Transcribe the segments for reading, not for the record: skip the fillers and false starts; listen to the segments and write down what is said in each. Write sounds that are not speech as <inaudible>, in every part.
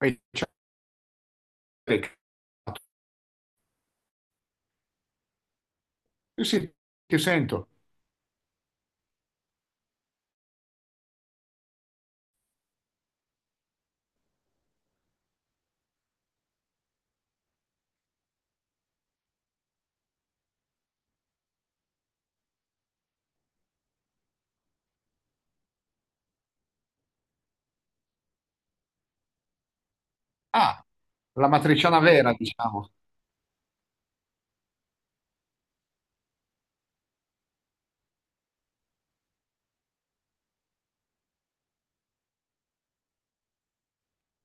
E cioè, che cazzo? Io sì, ti sento. Ah, la matriciana vera, diciamo.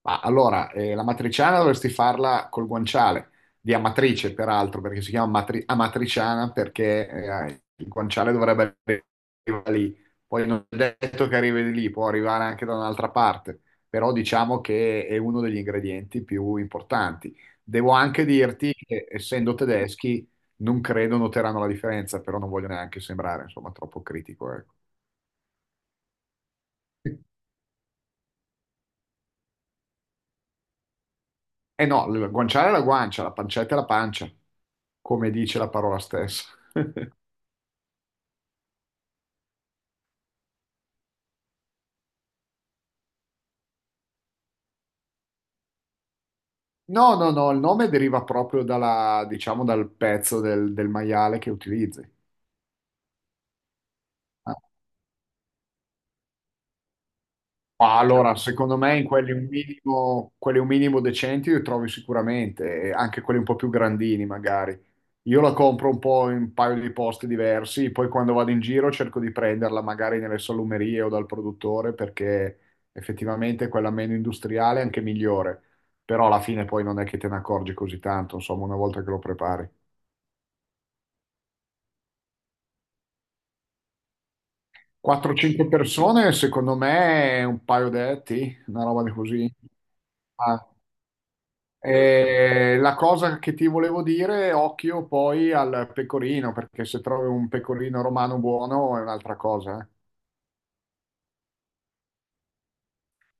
Ma allora, la matriciana dovresti farla col guanciale, di Amatrice peraltro, perché si chiama Amatriciana perché il guanciale dovrebbe arrivare lì. Poi non è detto che arrivi lì, può arrivare anche da un'altra parte, però diciamo che è uno degli ingredienti più importanti. Devo anche dirti che essendo tedeschi non credo noteranno la differenza, però non voglio neanche sembrare, insomma, troppo critico, ecco. Eh no, la guanciale è la guancia, la pancetta è la pancia, come dice la parola stessa. <laughs> No, no, no, il nome deriva proprio dalla, diciamo, dal pezzo del maiale che utilizzi. Ah. Ma allora, secondo me in quelli un minimo decenti li trovi sicuramente, e anche quelli un po' più grandini magari. Io la compro un po' in un paio di posti diversi, poi quando vado in giro cerco di prenderla magari nelle salumerie o dal produttore perché effettivamente quella meno industriale è anche migliore, però alla fine poi non è che te ne accorgi così tanto, insomma, una volta che lo prepari. 4-5 persone secondo me un paio detti, una roba di così. Ah. La cosa che ti volevo dire, occhio poi al pecorino, perché se trovi un pecorino romano buono è un'altra cosa, eh.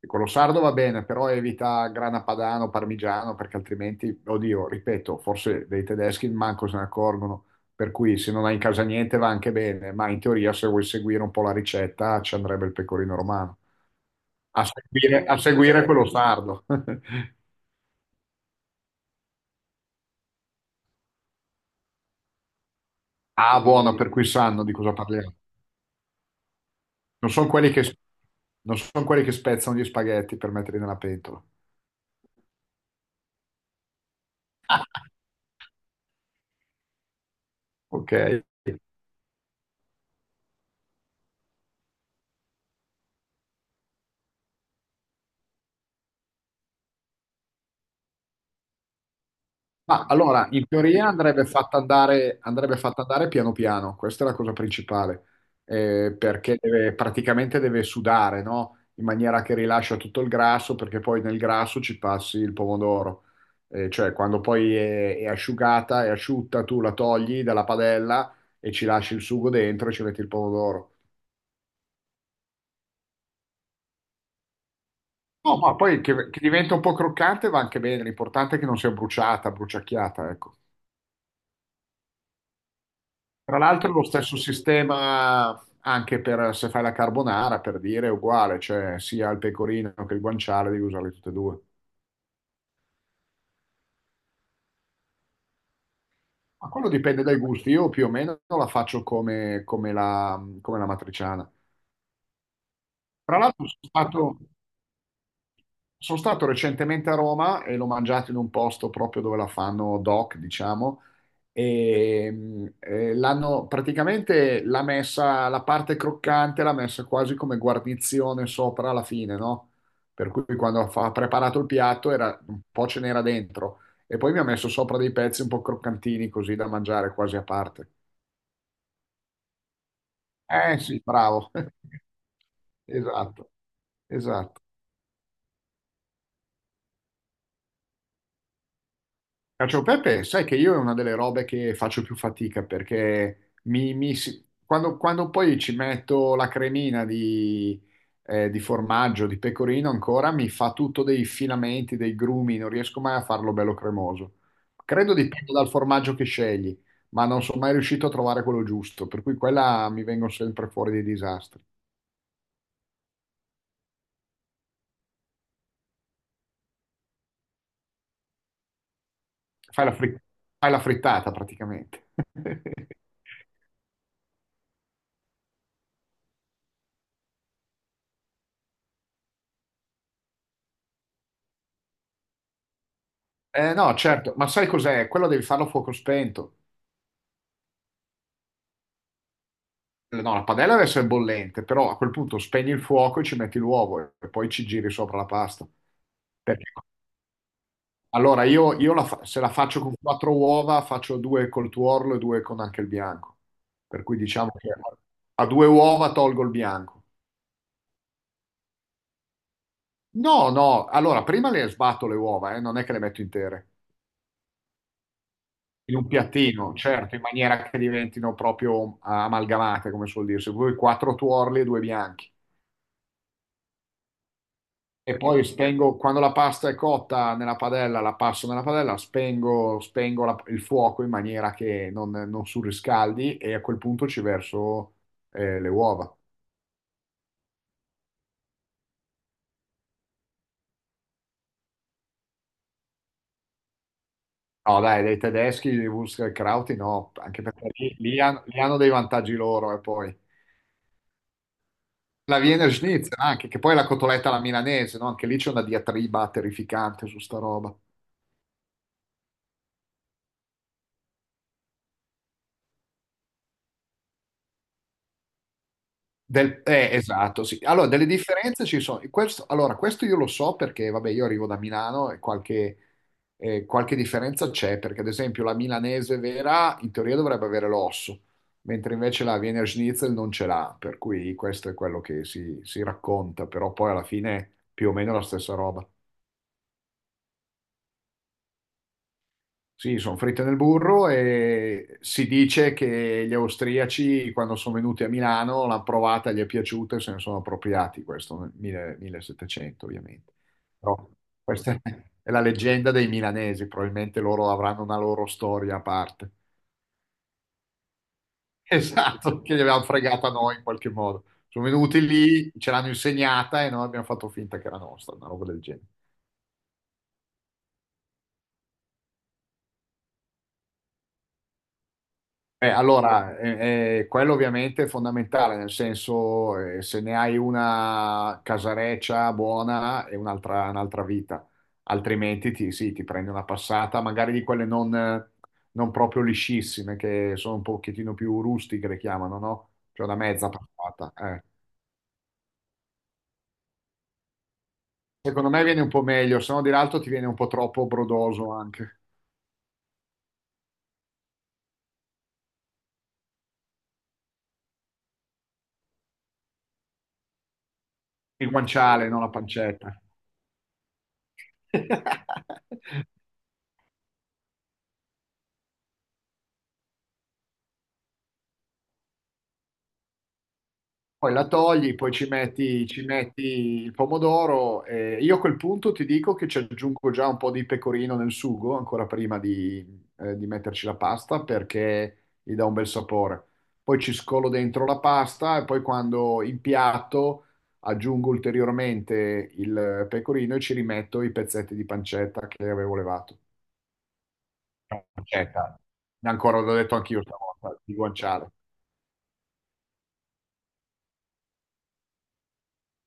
Quello sardo va bene, però evita grana padano, parmigiano, perché altrimenti, oddio, ripeto, forse dei tedeschi manco se ne accorgono. Per cui se non hai in casa niente va anche bene, ma in teoria se vuoi seguire un po' la ricetta ci andrebbe il pecorino romano. A seguire quello sardo. <laughs> Ah, buono, per cui sanno di cosa parliamo. Non sono quelli che, non son quelli che spezzano gli spaghetti per metterli nella pentola. Ok. Ma allora, in teoria andrebbe fatta andare piano piano, questa è la cosa principale, perché praticamente deve sudare, no? In maniera che rilascia tutto il grasso, perché poi nel grasso ci passi il pomodoro. Cioè, quando poi è asciugata, è asciutta, tu la togli dalla padella e ci lasci il sugo dentro e ci metti il pomodoro. No, ma poi che diventa un po' croccante va anche bene, l'importante è che non sia bruciata, bruciacchiata, ecco. Tra l'altro lo stesso sistema anche per se fai la carbonara, per dire, è uguale, cioè sia il pecorino che il guanciale devi usarli tutte e due. Ma quello dipende dai gusti, io più o meno la faccio come la matriciana. Tra l'altro sono stato recentemente a Roma e l'ho mangiato in un posto proprio dove la fanno doc, diciamo, e l'ha messa la parte croccante, l'ha messa quasi come guarnizione sopra alla fine, no? Per cui quando ha preparato il piatto era, un po' ce n'era dentro e poi mi ha messo sopra dei pezzi un po' croccantini così da mangiare quasi a parte. Eh sì, bravo. <laughs> Esatto, esatto. Cacio e pepe, sai che io è una delle robe che faccio più fatica perché quando poi ci metto la cremina di formaggio, di pecorino ancora, mi fa tutto dei filamenti, dei grumi, non riesco mai a farlo bello cremoso. Credo dipenda dal formaggio che scegli, ma non sono mai riuscito a trovare quello giusto, per cui quella mi vengono sempre fuori dei disastri. Fai la fri- fai la frittata praticamente. <laughs> No, certo, ma sai cos'è? Quello devi farlo a fuoco spento. No, la padella adesso è bollente, però a quel punto spegni il fuoco e ci metti l'uovo e poi ci giri sopra la pasta. Perché- allora, io se la faccio con quattro uova, faccio due col tuorlo e due con anche il bianco. Per cui diciamo che a due uova tolgo il bianco. No, no, allora prima le sbatto le uova, non è che le metto intere. In un piattino, certo, in maniera che diventino proprio amalgamate, come suol dirsi. Due quattro tuorli e due bianchi. E poi spengo, quando la pasta è cotta nella padella, la passo nella padella, spengo il fuoco in maniera che non surriscaldi e a quel punto ci verso le uova. No, dai, dei tedeschi, i Wurstkrauti no, anche perché lì, lì hanno dei vantaggi loro e poi. La Wiener Schnitzel anche, che poi è la cotoletta alla milanese, no? Anche lì c'è una diatriba terrificante su sta roba. Esatto, sì. Allora, delle differenze ci sono. Questo, allora, questo io lo so perché, vabbè, io arrivo da Milano e qualche differenza c'è, perché ad esempio la milanese vera in teoria dovrebbe avere l'osso, mentre invece la Wiener Schnitzel non ce l'ha, per cui questo è quello che si racconta, però poi alla fine è più o meno la stessa roba. Sì, sono fritte nel burro e si dice che gli austriaci, quando sono venuti a Milano, l'hanno provata, gli è piaciuta e se ne sono appropriati, questo nel 1000 1700 ovviamente. Però questa <laughs> è la leggenda dei milanesi, probabilmente loro avranno una loro storia a parte. <laughs> Esatto, che gli avevano fregata noi in qualche modo. Sono venuti lì, ce l'hanno insegnata e noi abbiamo fatto finta che era nostra, una roba del genere. Allora, quello ovviamente è fondamentale, nel senso se ne hai una casareccia buona è un'altra vita, altrimenti ti, sì, ti prendi una passata, magari di quelle non proprio liscissime, che sono un pochettino più rustiche, le chiamano, no? Cioè una mezza passata, eh. Secondo me viene un po' meglio, se no di l'altro ti viene un po' troppo brodoso anche. Il guanciale, non la pancetta. <laughs> Poi la togli, poi ci metti il pomodoro. E io a quel punto ti dico che ci aggiungo già un po' di pecorino nel sugo, ancora prima di metterci la pasta, perché gli dà un bel sapore. Poi ci scolo dentro la pasta e poi quando impiatto aggiungo ulteriormente il pecorino e ci rimetto i pezzetti di pancetta che avevo levato. Pancetta. Ancora l'ho detto anch'io stavolta, di guanciale.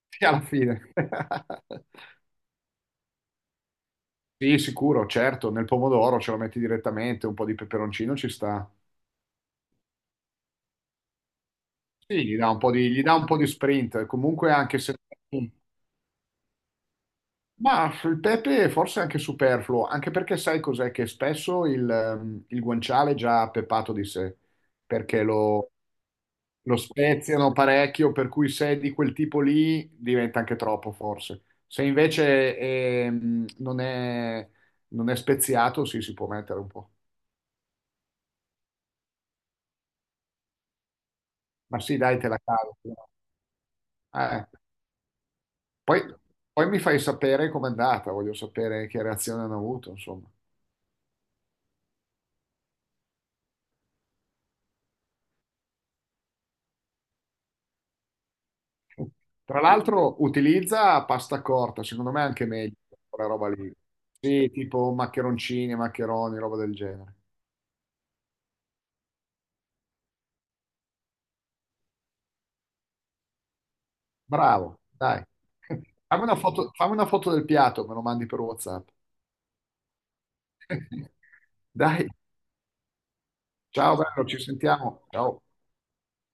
Sì, alla fine. <laughs> Sì, sicuro, certo, nel pomodoro ce lo metti direttamente, un po' di peperoncino ci sta. Sì, gli dà un po' di, gli dà un po' di sprint, comunque anche se... Mm. Ma il pepe forse è anche superfluo, anche perché sai cos'è? Che spesso il guanciale è già pepato di sé, perché lo speziano parecchio, per cui se è di quel tipo lì diventa anche troppo forse. Se invece non è speziato, sì, si può mettere un po'. Ma sì, dai, te la cavo. Eh. Poi, poi mi fai sapere com'è andata, voglio sapere che reazione hanno avuto, insomma. Tra l'altro utilizza pasta corta, secondo me è anche meglio quella roba lì. Sì, tipo maccheroncini, maccheroni, roba del genere. Bravo, dai. Fammi una foto del piatto, me lo mandi per WhatsApp. <laughs> Dai, ciao bello, ci sentiamo. Ciao.